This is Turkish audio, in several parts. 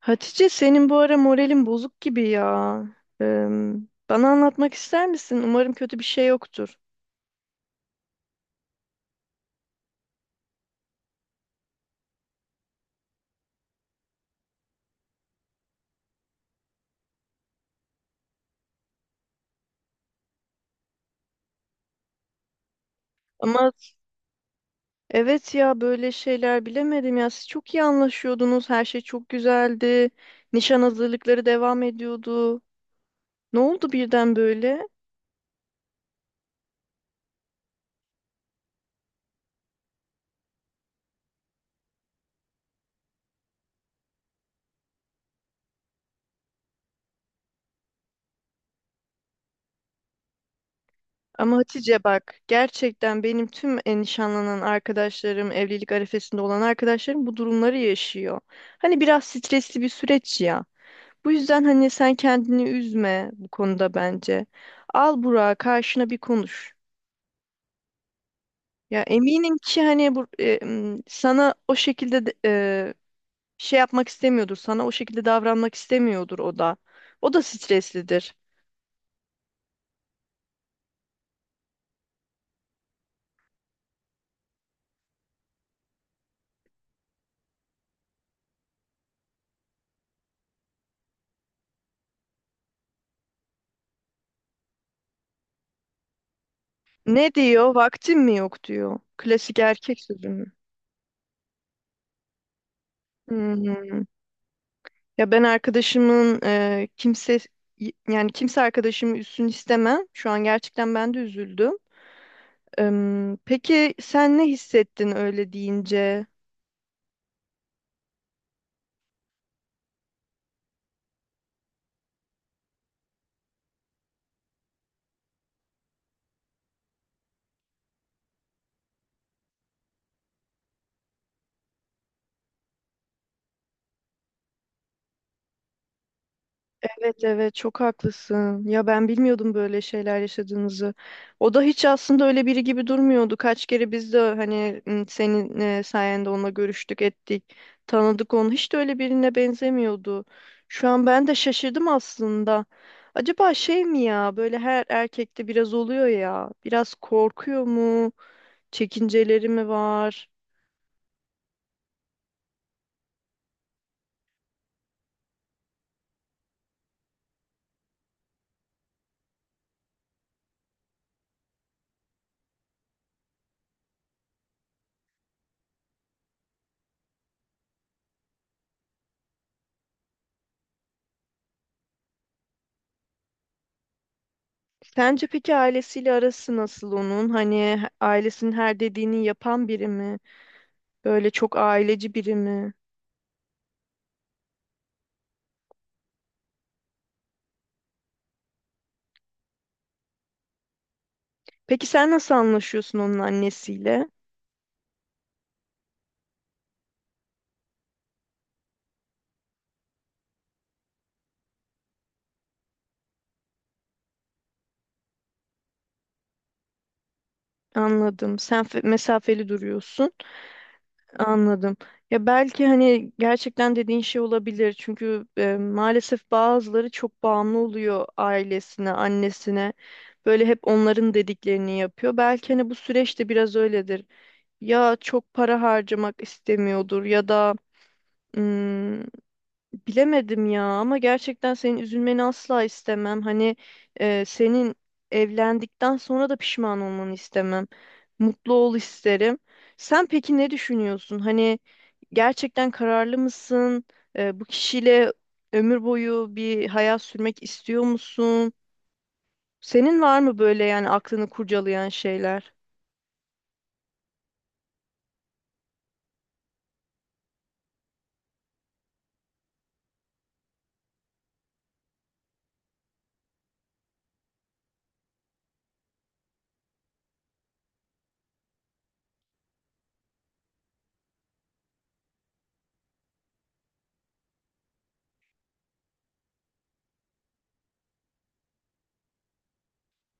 Hatice senin bu ara moralin bozuk gibi ya. Eee, Bana anlatmak ister misin? Umarım kötü bir şey yoktur. Ama evet ya böyle şeyler bilemedim ya. Siz çok iyi anlaşıyordunuz. Her şey çok güzeldi. Nişan hazırlıkları devam ediyordu. Ne oldu birden böyle? Ama Hatice bak gerçekten benim tüm nişanlanan arkadaşlarım, evlilik arifesinde olan arkadaşlarım bu durumları yaşıyor. Hani biraz stresli bir süreç ya. Bu yüzden hani sen kendini üzme bu konuda bence. Al Burak'ı karşına bir konuş. Ya eminim ki hani sana o şekilde şey yapmak istemiyordur. Sana o şekilde davranmak istemiyordur o da. O da streslidir. Ne diyor? Vaktim mi yok diyor. Klasik erkek sözü mü? Hmm. Ya ben arkadaşımın kimse yani kimse arkadaşımı üzsün istemem. Şu an gerçekten ben de üzüldüm. Peki sen ne hissettin öyle deyince? Evet evet çok haklısın. Ya ben bilmiyordum böyle şeyler yaşadığınızı. O da hiç aslında öyle biri gibi durmuyordu. Kaç kere biz de hani senin sayende onunla görüştük, ettik, tanıdık onu. Hiç de öyle birine benzemiyordu. Şu an ben de şaşırdım aslında. Acaba şey mi ya böyle her erkekte biraz oluyor ya. Biraz korkuyor mu? Çekinceleri mi var? Sence peki ailesiyle arası nasıl onun? Hani ailesinin her dediğini yapan biri mi? Böyle çok aileci biri mi? Peki sen nasıl anlaşıyorsun onun annesiyle? Anladım. Sen mesafeli duruyorsun. Anladım. Ya belki hani gerçekten dediğin şey olabilir. Çünkü maalesef bazıları çok bağımlı oluyor ailesine, annesine. Böyle hep onların dediklerini yapıyor. Belki hani bu süreçte biraz öyledir. Ya çok para harcamak istemiyordur ya da bilemedim ya, ama gerçekten senin üzülmeni asla istemem. Senin evlendikten sonra da pişman olmanı istemem. Mutlu ol isterim. Sen peki ne düşünüyorsun? Hani gerçekten kararlı mısın? Bu kişiyle ömür boyu bir hayat sürmek istiyor musun? Senin var mı böyle yani aklını kurcalayan şeyler?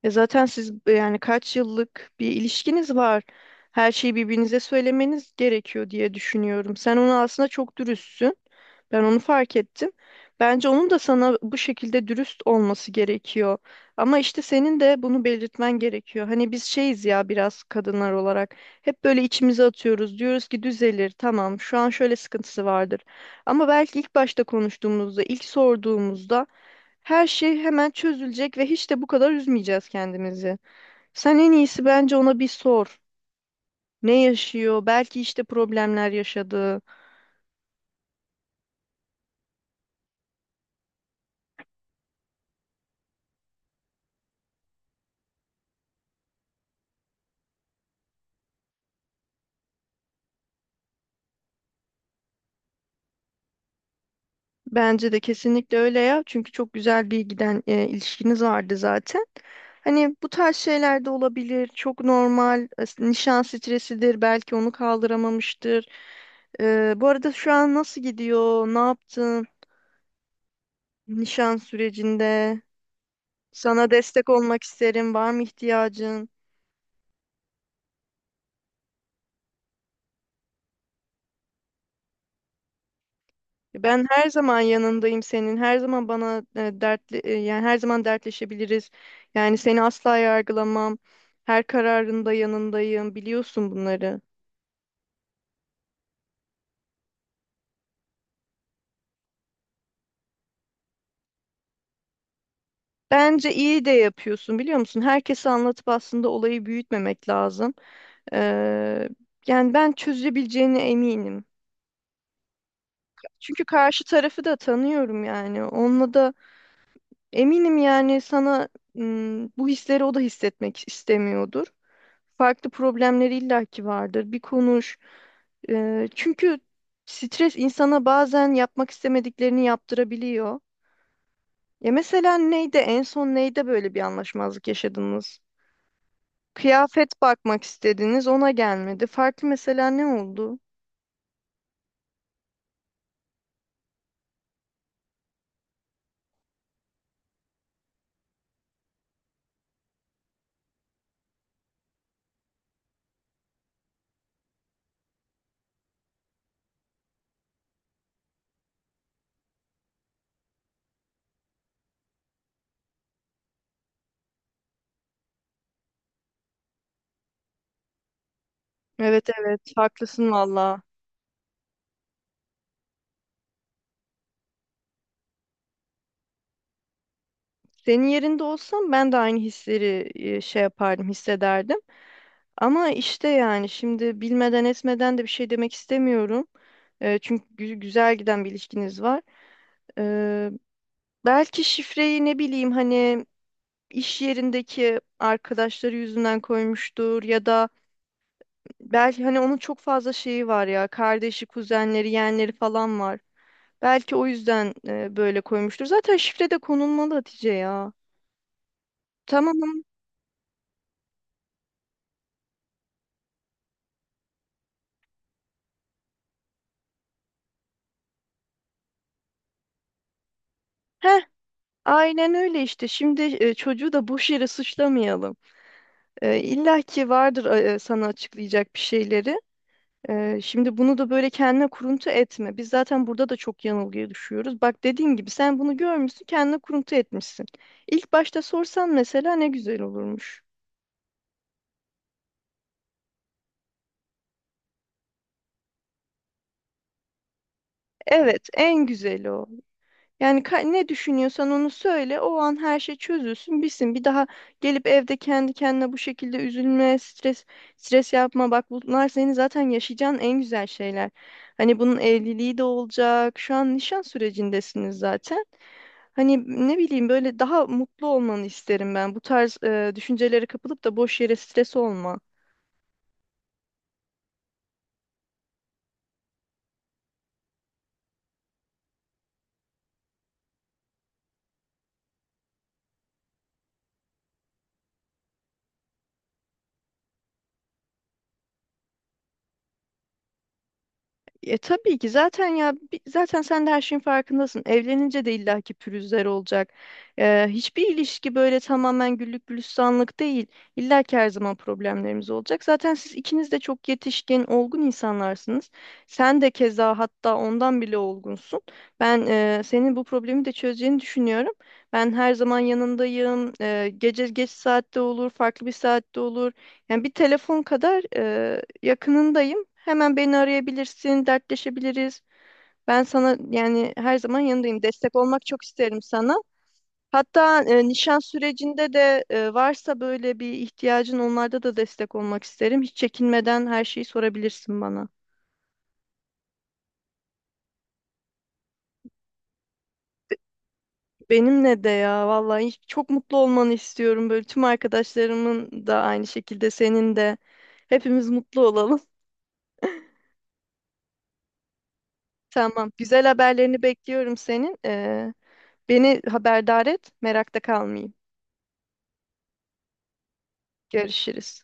Zaten siz yani kaç yıllık bir ilişkiniz var. Her şeyi birbirinize söylemeniz gerekiyor diye düşünüyorum. Sen ona aslında çok dürüstsün. Ben onu fark ettim. Bence onun da sana bu şekilde dürüst olması gerekiyor. Ama işte senin de bunu belirtmen gerekiyor. Hani biz şeyiz ya biraz kadınlar olarak. Hep böyle içimize atıyoruz. Diyoruz ki düzelir. Tamam, şu an şöyle sıkıntısı vardır. Ama belki ilk başta konuştuğumuzda, ilk sorduğumuzda her şey hemen çözülecek ve hiç de bu kadar üzmeyeceğiz kendimizi. Sen en iyisi bence ona bir sor. Ne yaşıyor? Belki işte problemler yaşadı. Bence de kesinlikle öyle ya. Çünkü çok güzel bir giden ilişkiniz vardı zaten. Hani bu tarz şeyler de olabilir. Çok normal. Nişan stresidir. Belki onu kaldıramamıştır. Bu arada şu an nasıl gidiyor? Ne yaptın? Nişan sürecinde. Sana destek olmak isterim. Var mı ihtiyacın? Ben her zaman yanındayım senin. Her zaman bana yani her zaman dertleşebiliriz. Yani seni asla yargılamam. Her kararında yanındayım. Biliyorsun bunları. Bence iyi de yapıyorsun biliyor musun? Herkese anlatıp aslında olayı büyütmemek lazım. Ee, Yani ben çözebileceğine eminim. Çünkü karşı tarafı da tanıyorum yani. Onunla da eminim yani sana bu hisleri o da hissetmek istemiyordur. Farklı problemleri illaki vardır. Bir konuş. Çünkü stres insana bazen yapmak istemediklerini yaptırabiliyor. Ya mesela neydi en son neyde böyle bir anlaşmazlık yaşadınız? Kıyafet bakmak istediniz ona gelmedi. Farklı mesela ne oldu? Evet evet haklısın valla. Senin yerinde olsam ben de aynı hisleri e, şey yapardım hissederdim. Ama işte yani şimdi bilmeden etmeden de bir şey demek istemiyorum. Çünkü güzel giden bir ilişkiniz var. Eee, Belki şifreyi ne bileyim hani iş yerindeki arkadaşları yüzünden koymuştur ya da belki hani onun çok fazla şeyi var ya, kardeşi, kuzenleri, yeğenleri falan var. Belki o yüzden böyle koymuştur. Zaten şifre de konulmalı Hatice ya. Tamam. Heh, aynen öyle işte. Şimdi çocuğu da boş yere suçlamayalım. İlla ki vardır sana açıklayacak bir şeyleri. Şimdi bunu da böyle kendine kuruntu etme. Biz zaten burada da çok yanılgıya düşüyoruz. Bak dediğim gibi sen bunu görmüşsün, kendine kuruntu etmişsin. İlk başta sorsan mesela ne güzel olurmuş. Evet, en güzeli o. Yani ne düşünüyorsan onu söyle. O an her şey çözülsün, bitsin. Bir daha gelip evde kendi kendine bu şekilde üzülme, stres yapma. Bak bunlar senin zaten yaşayacağın en güzel şeyler. Hani bunun evliliği de olacak. Şu an nişan sürecindesiniz zaten. Hani ne bileyim böyle daha mutlu olmanı isterim ben. Bu tarz düşüncelere kapılıp da boş yere stres olma. Tabii ki zaten ya zaten sen de her şeyin farkındasın. Evlenince de illaki pürüzler olacak. Hiçbir ilişki böyle tamamen güllük gülistanlık değil. İllaki her zaman problemlerimiz olacak. Zaten siz ikiniz de çok yetişkin, olgun insanlarsınız. Sen de keza hatta ondan bile olgunsun. Ben senin bu problemi de çözeceğini düşünüyorum. Ben her zaman yanındayım. Gece geç saatte olur, farklı bir saatte olur. Yani bir telefon kadar yakınındayım. Hemen beni arayabilirsin, dertleşebiliriz. Ben sana yani her zaman yanındayım. Destek olmak çok isterim sana. Hatta nişan sürecinde de varsa böyle bir ihtiyacın onlarda da destek olmak isterim. Hiç çekinmeden her şeyi sorabilirsin bana. Benimle de ya vallahi çok mutlu olmanı istiyorum. Böyle tüm arkadaşlarımın da aynı şekilde senin de. Hepimiz mutlu olalım. Tamam. Güzel haberlerini bekliyorum senin. Beni haberdar et, merakta kalmayayım. Görüşürüz.